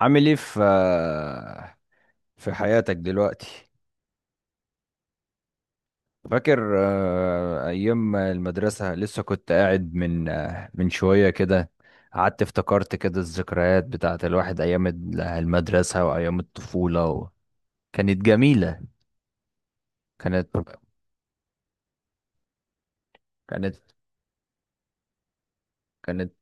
عامل ايه في حياتك دلوقتي؟ فاكر ايام المدرسة؟ لسه كنت قاعد من من شوية كده، قعدت افتكرت كده الذكريات بتاعة الواحد ايام المدرسة وايام الطفولة كانت جميلة. كانت كانت كانت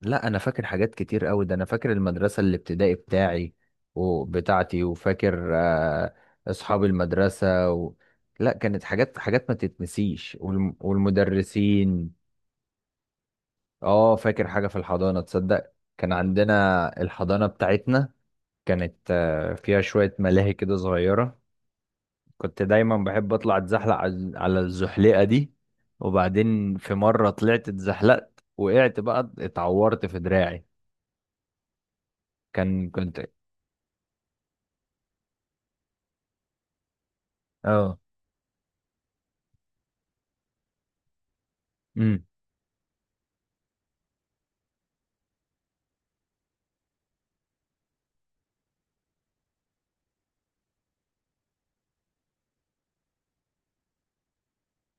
لا، انا فاكر حاجات كتير قوي. ده انا فاكر المدرسه الابتدائي بتاعي وبتاعتي، وفاكر اصحاب المدرسه لا، كانت حاجات ما تتنسيش، والمدرسين. اه، فاكر حاجه في الحضانه. تصدق كان عندنا الحضانه بتاعتنا كانت فيها شويه ملاهي كده صغيره، كنت دايما بحب اطلع اتزحلق على الزحليقه دي. وبعدين في مره طلعت اتزحلقت، وقعت بقى اتعورت في دراعي. كان كنت اه. امم.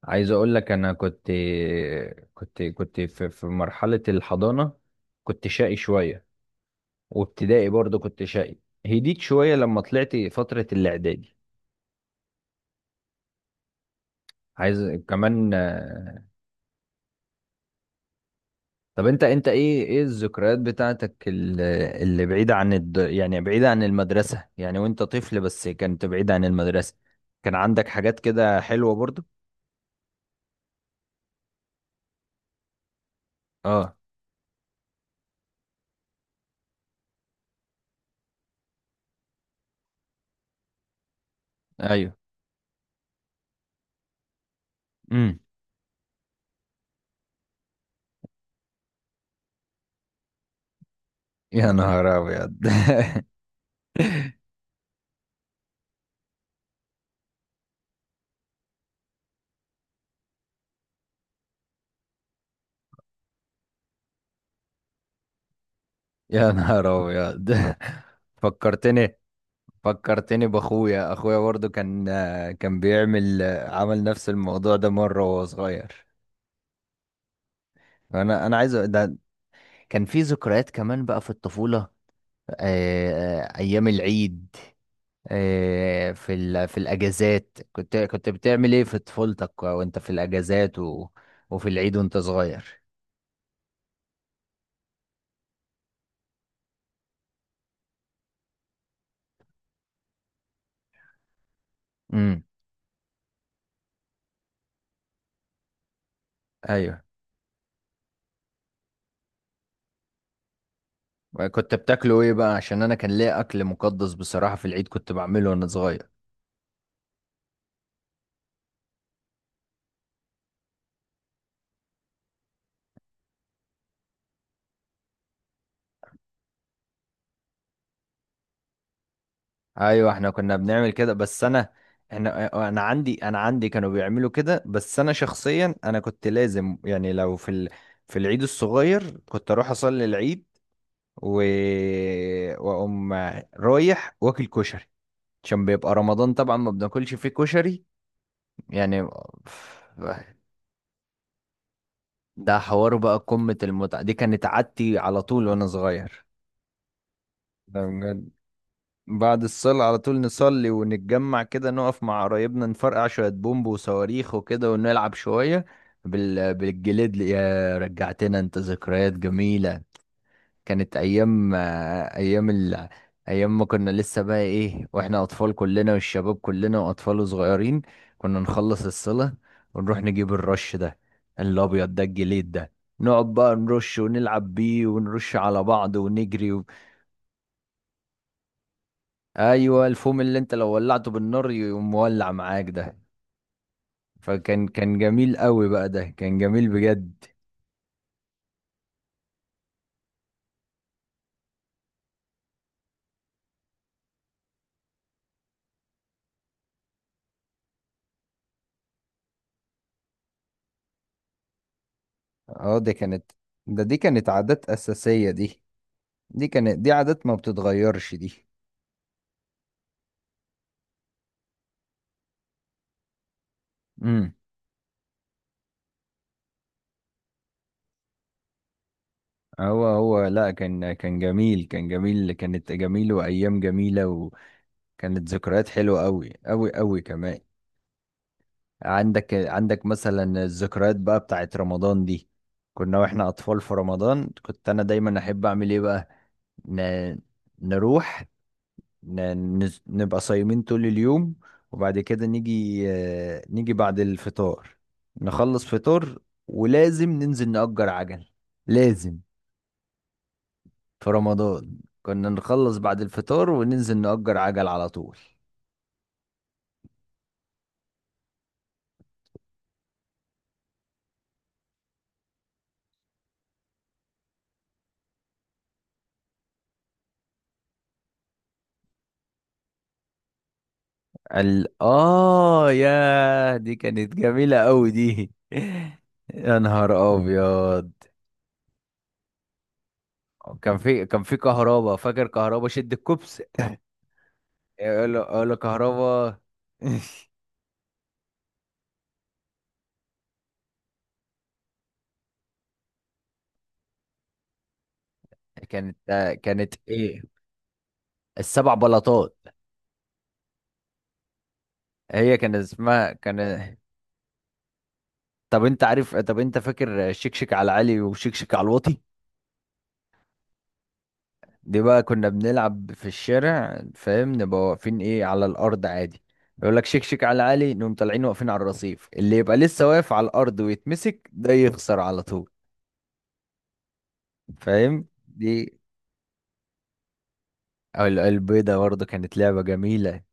عايز اقول لك انا كنت في مرحله الحضانه كنت شقي شويه، وابتدائي برضه كنت شقي. هديت شويه لما طلعت فتره الاعدادي. عايز كمان طب انت ايه الذكريات بتاعتك اللي بعيده عن يعني بعيده عن المدرسه، يعني وانت طفل، بس كنت بعيد عن المدرسه. كان عندك حاجات كده حلوه برضه؟ اه. ايوه. امم. يا نهار ابيض! يا نهار ابيض! فكرتني، فكرتني باخويا. اخويا برضه كان كان بيعمل عمل نفس الموضوع ده مره وهو صغير. انا عايز ده كان في ذكريات كمان بقى في الطفوله. ايام العيد، في في الاجازات، كنت بتعمل ايه في طفولتك وانت في الاجازات وفي العيد وانت صغير؟ امم. ايوه. كنت بتاكله ايه بقى؟ عشان انا كان ليا اكل مقدس بصراحه في العيد كنت بعمله وانا صغير. ايوه احنا كنا بنعمل كده، بس انا احنا انا عندي انا عندي كانوا بيعملوا كده، بس انا شخصيا انا كنت لازم يعني، لو في في العيد الصغير كنت اروح اصلي العيد و... واقوم رايح واكل كشري، عشان بيبقى رمضان طبعا ما بناكلش فيه كشري يعني. ده حوار بقى قمة المتعة، دي كانت عادتي على طول وانا صغير. ده بجد. بعد الصلاة على طول نصلي ونتجمع كده، نقف مع قرايبنا، نفرقع شوية بومب وصواريخ وكده، ونلعب شوية بالجليد. يا رجعتنا انت! ذكريات جميلة، كانت أيام، أيام أيام ما كنا لسه بقى إيه، وإحنا أطفال كلنا والشباب كلنا وأطفال صغيرين، كنا نخلص الصلاة ونروح نجيب الرش ده، الأبيض ده، الجليد ده، نقعد بقى نرش ونلعب بيه ونرش على بعض ونجري. ايوه، الفوم اللي انت لو ولعته بالنار يقوم مولع معاك ده. فكان جميل قوي بقى، ده كان جميل بجد. اه دي كانت، دي كانت عادات اساسيه دي، دي كانت، دي عادات ما بتتغيرش دي. امم. هو لا، كان جميل، كان جميل، كانت جميل وايام جميله، وكانت ذكريات حلوه قوي قوي قوي كمان. عندك مثلا الذكريات بقى بتاعت رمضان دي، كنا واحنا اطفال في رمضان كنت انا دايما احب اعمل ايه بقى، ن... نروح، ن... نبقى صايمين طول اليوم، وبعد كده نيجي نيجي بعد الفطار، نخلص فطار، ولازم ننزل نأجر عجل. لازم في رمضان كنا نخلص بعد الفطار وننزل نأجر عجل على طول. ال... آه يا دي كانت جميلة أوي دي. يا نهار أبيض! كان في كهربا. فاكر كهربا؟ شد الكوبس، يقول له كهربا. كانت كانت ايه، السبع بلاطات. هي كان اسمها كان طب انت عارف، طب انت فاكر شكشك على العالي وشكشك على الواطي؟ دي بقى كنا بنلعب في الشارع، فاهم، نبقى واقفين ايه على الارض عادي، يقول لك شكشك على العالي، نقوم طالعين واقفين على الرصيف، اللي يبقى لسه واقف على الارض ويتمسك ده يخسر على طول. فاهم دي؟ او البيضة برضه كانت لعبة جميلة.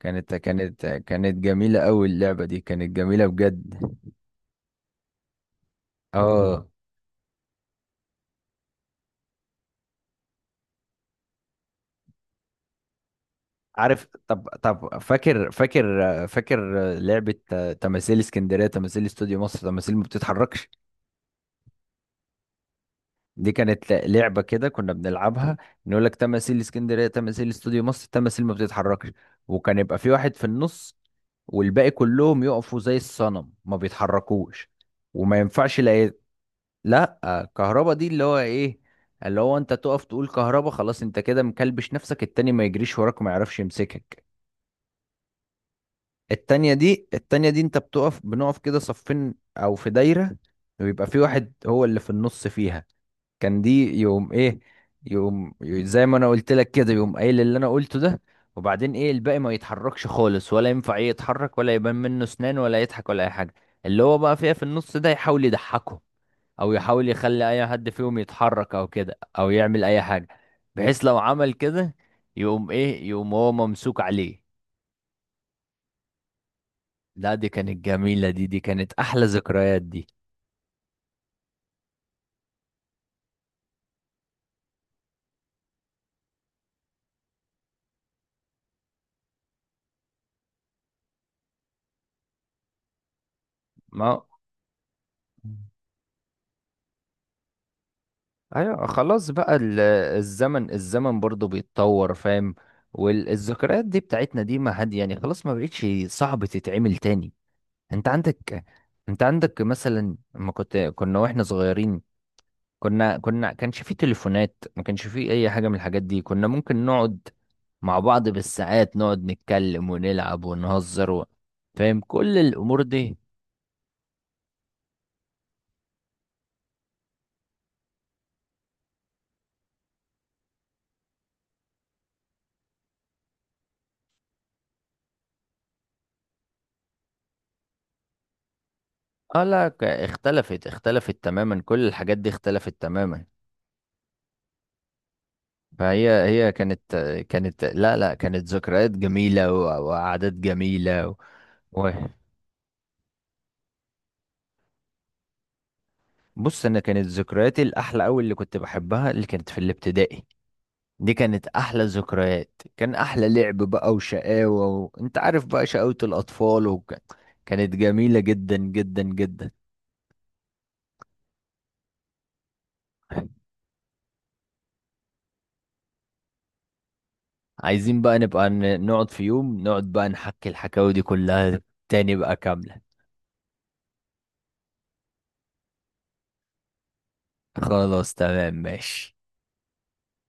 كانت جميلة أوي اللعبة دي، كانت جميلة بجد. اه، عارف، طب طب، فاكر فاكر لعبة تماثيل اسكندرية، تماثيل استوديو مصر، تماثيل ما بتتحركش؟ دي كانت لعبة كده كنا بنلعبها، نقول لك تماثيل اسكندرية، تماثيل استوديو مصر، تماثيل ما بتتحركش، وكان يبقى في واحد في النص، والباقي كلهم يقفوا زي الصنم ما بيتحركوش، وما ينفعش لا. كهربا دي اللي هو ايه، اللي هو انت تقف تقول كهربا، خلاص انت كده مكلبش نفسك، التاني ما يجريش وراك وما يعرفش يمسكك. التانية دي انت بتقف، بنقف كده صفين او في دايرة، ويبقى في واحد هو اللي في النص فيها، كان دي يوم ايه، يوم زي ما انا قلت لك كده، يوم قايل اللي انا قلته ده، وبعدين ايه، الباقي ما يتحركش خالص، ولا ينفع ايه، يتحرك ولا يبان منه اسنان ولا يضحك ولا اي حاجة، اللي هو بقى فيها في النص ده يحاول يضحكه او يحاول يخلي اي حد فيهم يتحرك او كده، او يعمل اي حاجة، بحيث لو عمل كده يقوم ايه، يقوم هو ممسوك عليه. لا دي كانت جميلة، دي كانت أحلى ذكريات دي. ما أيوة خلاص بقى الزمن، برضو بيتطور فاهم، والذكريات دي بتاعتنا دي ما حد يعني، خلاص ما بقتش صعب تتعمل تاني. أنت عندك أنت عندك مثلا لما كنا وإحنا صغيرين، كنا كانش فيه تليفونات، ما كانش فيه أي حاجة من الحاجات دي، كنا ممكن نقعد مع بعض بالساعات، نقعد نتكلم ونلعب ونهزر فاهم كل الأمور دي؟ اه لا، اختلفت، تماما كل الحاجات دي اختلفت تماما. فهي كانت، كانت، لا كانت ذكريات جميلة وقعدات جميلة و... بص، انا كانت ذكرياتي الاحلى قوي، اللي كنت بحبها، اللي كانت في الابتدائي. دي كانت احلى ذكريات، كان احلى لعب بقى وشقاوة انت عارف بقى شقاوة الاطفال كانت جميلة جدا جدا جدا. عايزين بقى نبقى نقعد في يوم نقعد بقى نحكي الحكاوي دي كلها تاني بقى كاملة. خلاص، تمام، ماشي.